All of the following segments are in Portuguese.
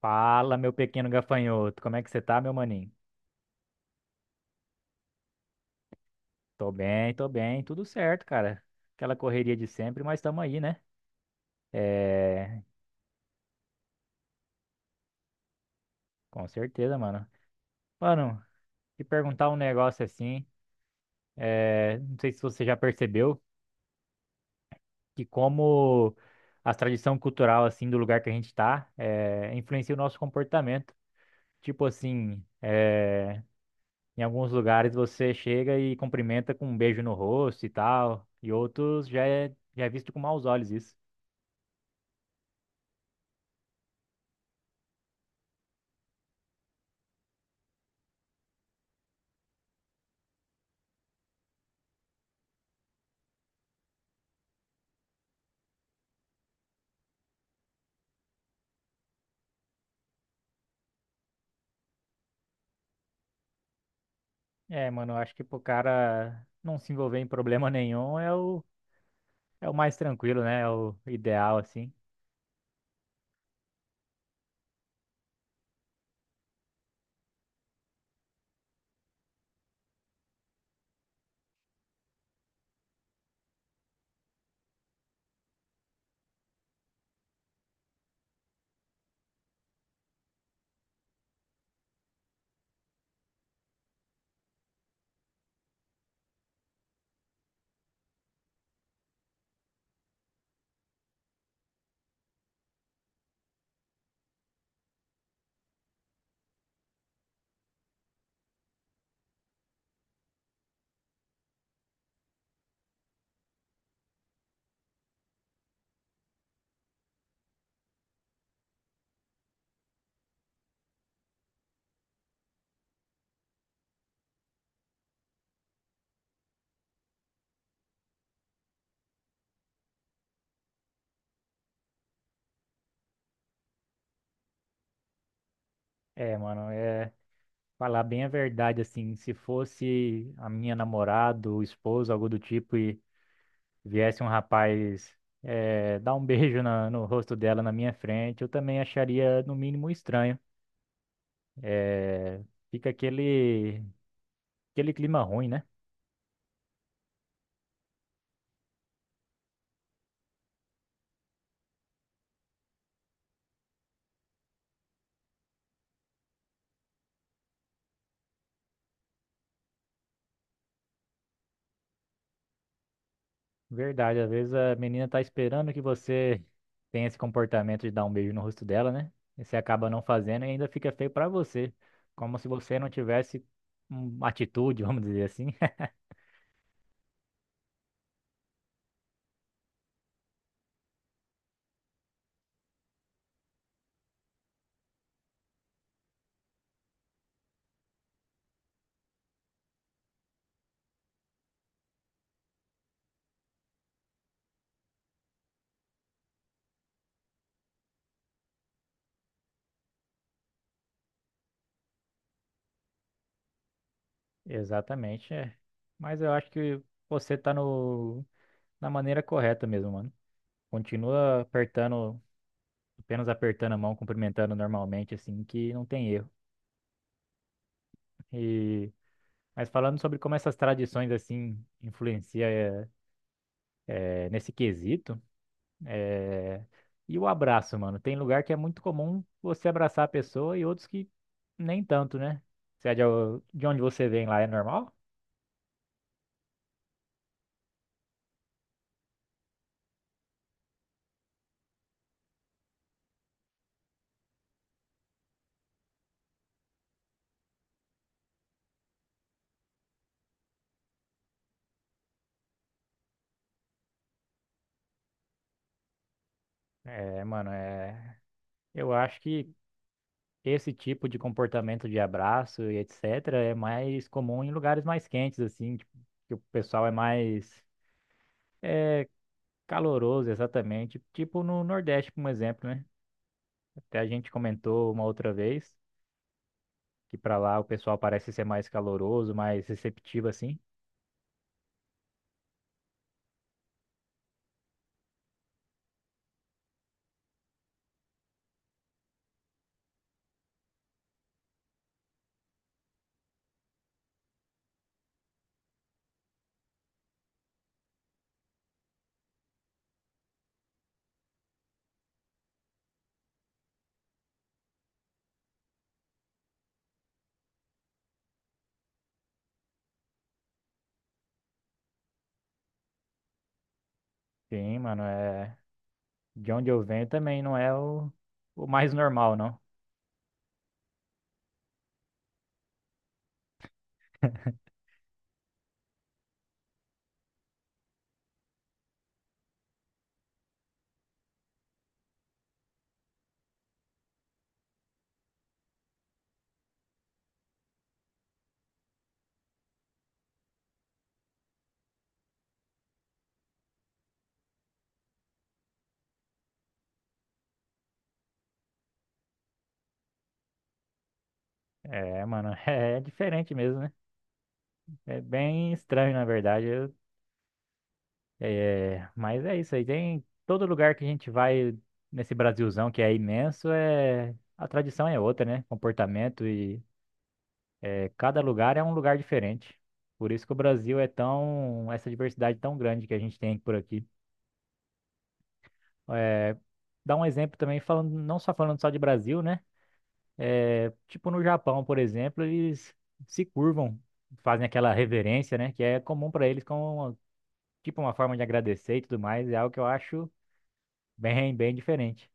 Fala, meu pequeno gafanhoto. Como é que você tá, meu maninho? Tô bem, tudo certo, cara. Aquela correria de sempre, mas tamo aí, né? É, com certeza, mano. Mano, te perguntar um negócio assim, não sei se você já percebeu que como a tradição cultural, assim, do lugar que a gente tá, influencia o nosso comportamento. Tipo assim, em alguns lugares você chega e cumprimenta com um beijo no rosto e tal, e outros já é visto com maus olhos isso. É, mano, eu acho que pro cara não se envolver em problema nenhum é o mais tranquilo, né? É o ideal, assim. É, mano, falar bem a verdade, assim. Se fosse a minha namorada, ou esposa, algo do tipo, e viesse um rapaz dar um beijo na- no rosto dela na minha frente, eu também acharia, no mínimo, estranho. É, fica aquele clima ruim, né? Verdade, às vezes a menina tá esperando que você tenha esse comportamento de dar um beijo no rosto dela, né? E você acaba não fazendo e ainda fica feio pra você, como se você não tivesse uma atitude, vamos dizer assim. Exatamente, é. Mas eu acho que você tá no na maneira correta mesmo, mano. Continua apertando, apenas apertando a mão, cumprimentando normalmente assim, que não tem erro. E mas falando sobre como essas tradições assim influenciam nesse quesito. É, E o abraço, mano? Tem lugar que é muito comum você abraçar a pessoa e outros que nem tanto, né? Se é de onde você vem lá é normal? É, mano, é. Eu acho que esse tipo de comportamento de abraço e etc. é mais comum em lugares mais quentes, assim, tipo, que o pessoal é mais caloroso, exatamente. Tipo no Nordeste, por um exemplo, né? Até a gente comentou uma outra vez que pra lá o pessoal parece ser mais caloroso, mais receptivo, assim. Sim, mano, é. De onde eu venho também não é o mais normal, não. É, mano, é diferente mesmo, né? É bem estranho, na verdade. Mas é isso aí. Tem todo lugar que a gente vai nesse Brasilzão que é imenso, a tradição é outra, né? Comportamento e cada lugar é um lugar diferente. Por isso que o Brasil é tão, essa diversidade tão grande que a gente tem por aqui. É, dá um exemplo também, falando, não só falando só de Brasil, né? Tipo no Japão, por exemplo, eles se curvam, fazem aquela reverência, né? Que é comum para eles como tipo uma forma de agradecer e tudo mais. É algo que eu acho bem, bem diferente.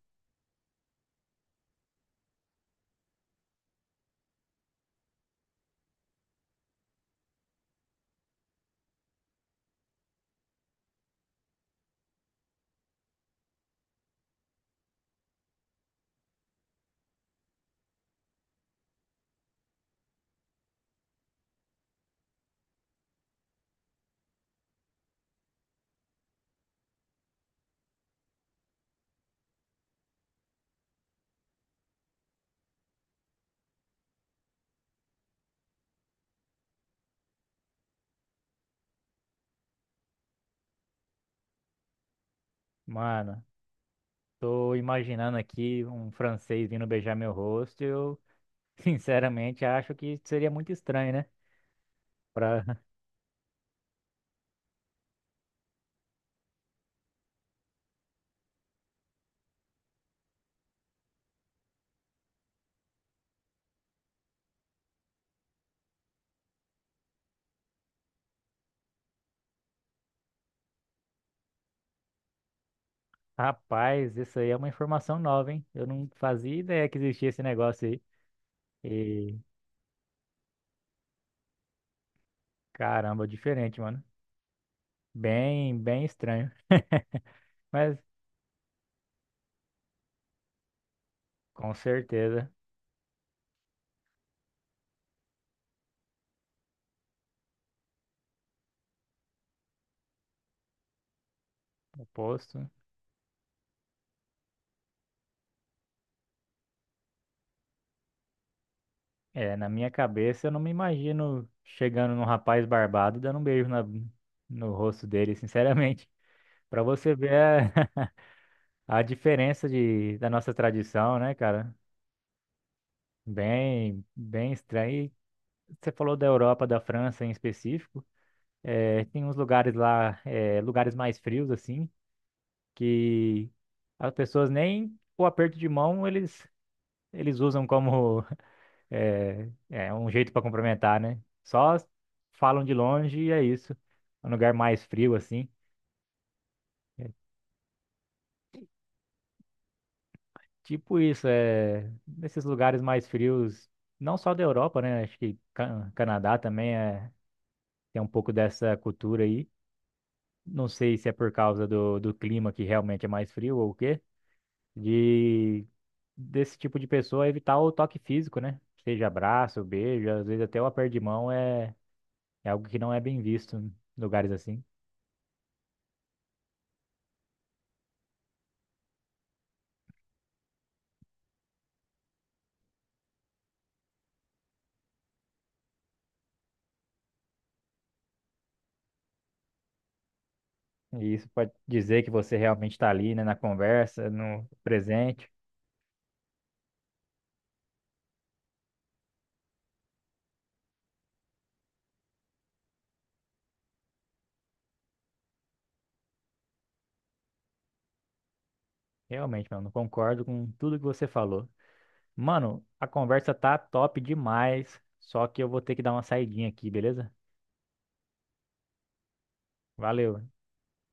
Mano, tô imaginando aqui um francês vindo beijar meu rosto. Eu sinceramente acho que seria muito estranho, né? Pra... Rapaz, isso aí é uma informação nova, hein? Eu não fazia ideia que existia esse negócio aí. E caramba, diferente, mano. Bem, bem estranho. Mas com certeza. Oposto, né? É, na minha cabeça eu não me imagino chegando num rapaz barbado e dando um beijo na, no rosto dele, sinceramente. Pra você ver a, a diferença de, da nossa tradição, né, cara? Bem, bem estranho. E você falou da Europa, da França em específico. É, tem uns lugares lá, lugares mais frios, assim, que as pessoas nem o aperto de mão eles usam como é um jeito pra complementar, né? Só falam de longe e é isso. Um lugar mais frio assim. É tipo isso, é nesses lugares mais frios, não só da Europa, né? Acho que Canadá também tem um pouco dessa cultura aí. Não sei se é por causa do clima que realmente é mais frio ou o quê, de desse tipo de pessoa evitar o toque físico, né? Seja abraço, beijo, às vezes até o aperto de mão é algo que não é bem visto em lugares assim. E isso pode dizer que você realmente está ali, né, na conversa, no presente. Realmente, mano, concordo com tudo que você falou. Mano, a conversa tá top demais, só que eu vou ter que dar uma saidinha aqui, beleza? Valeu.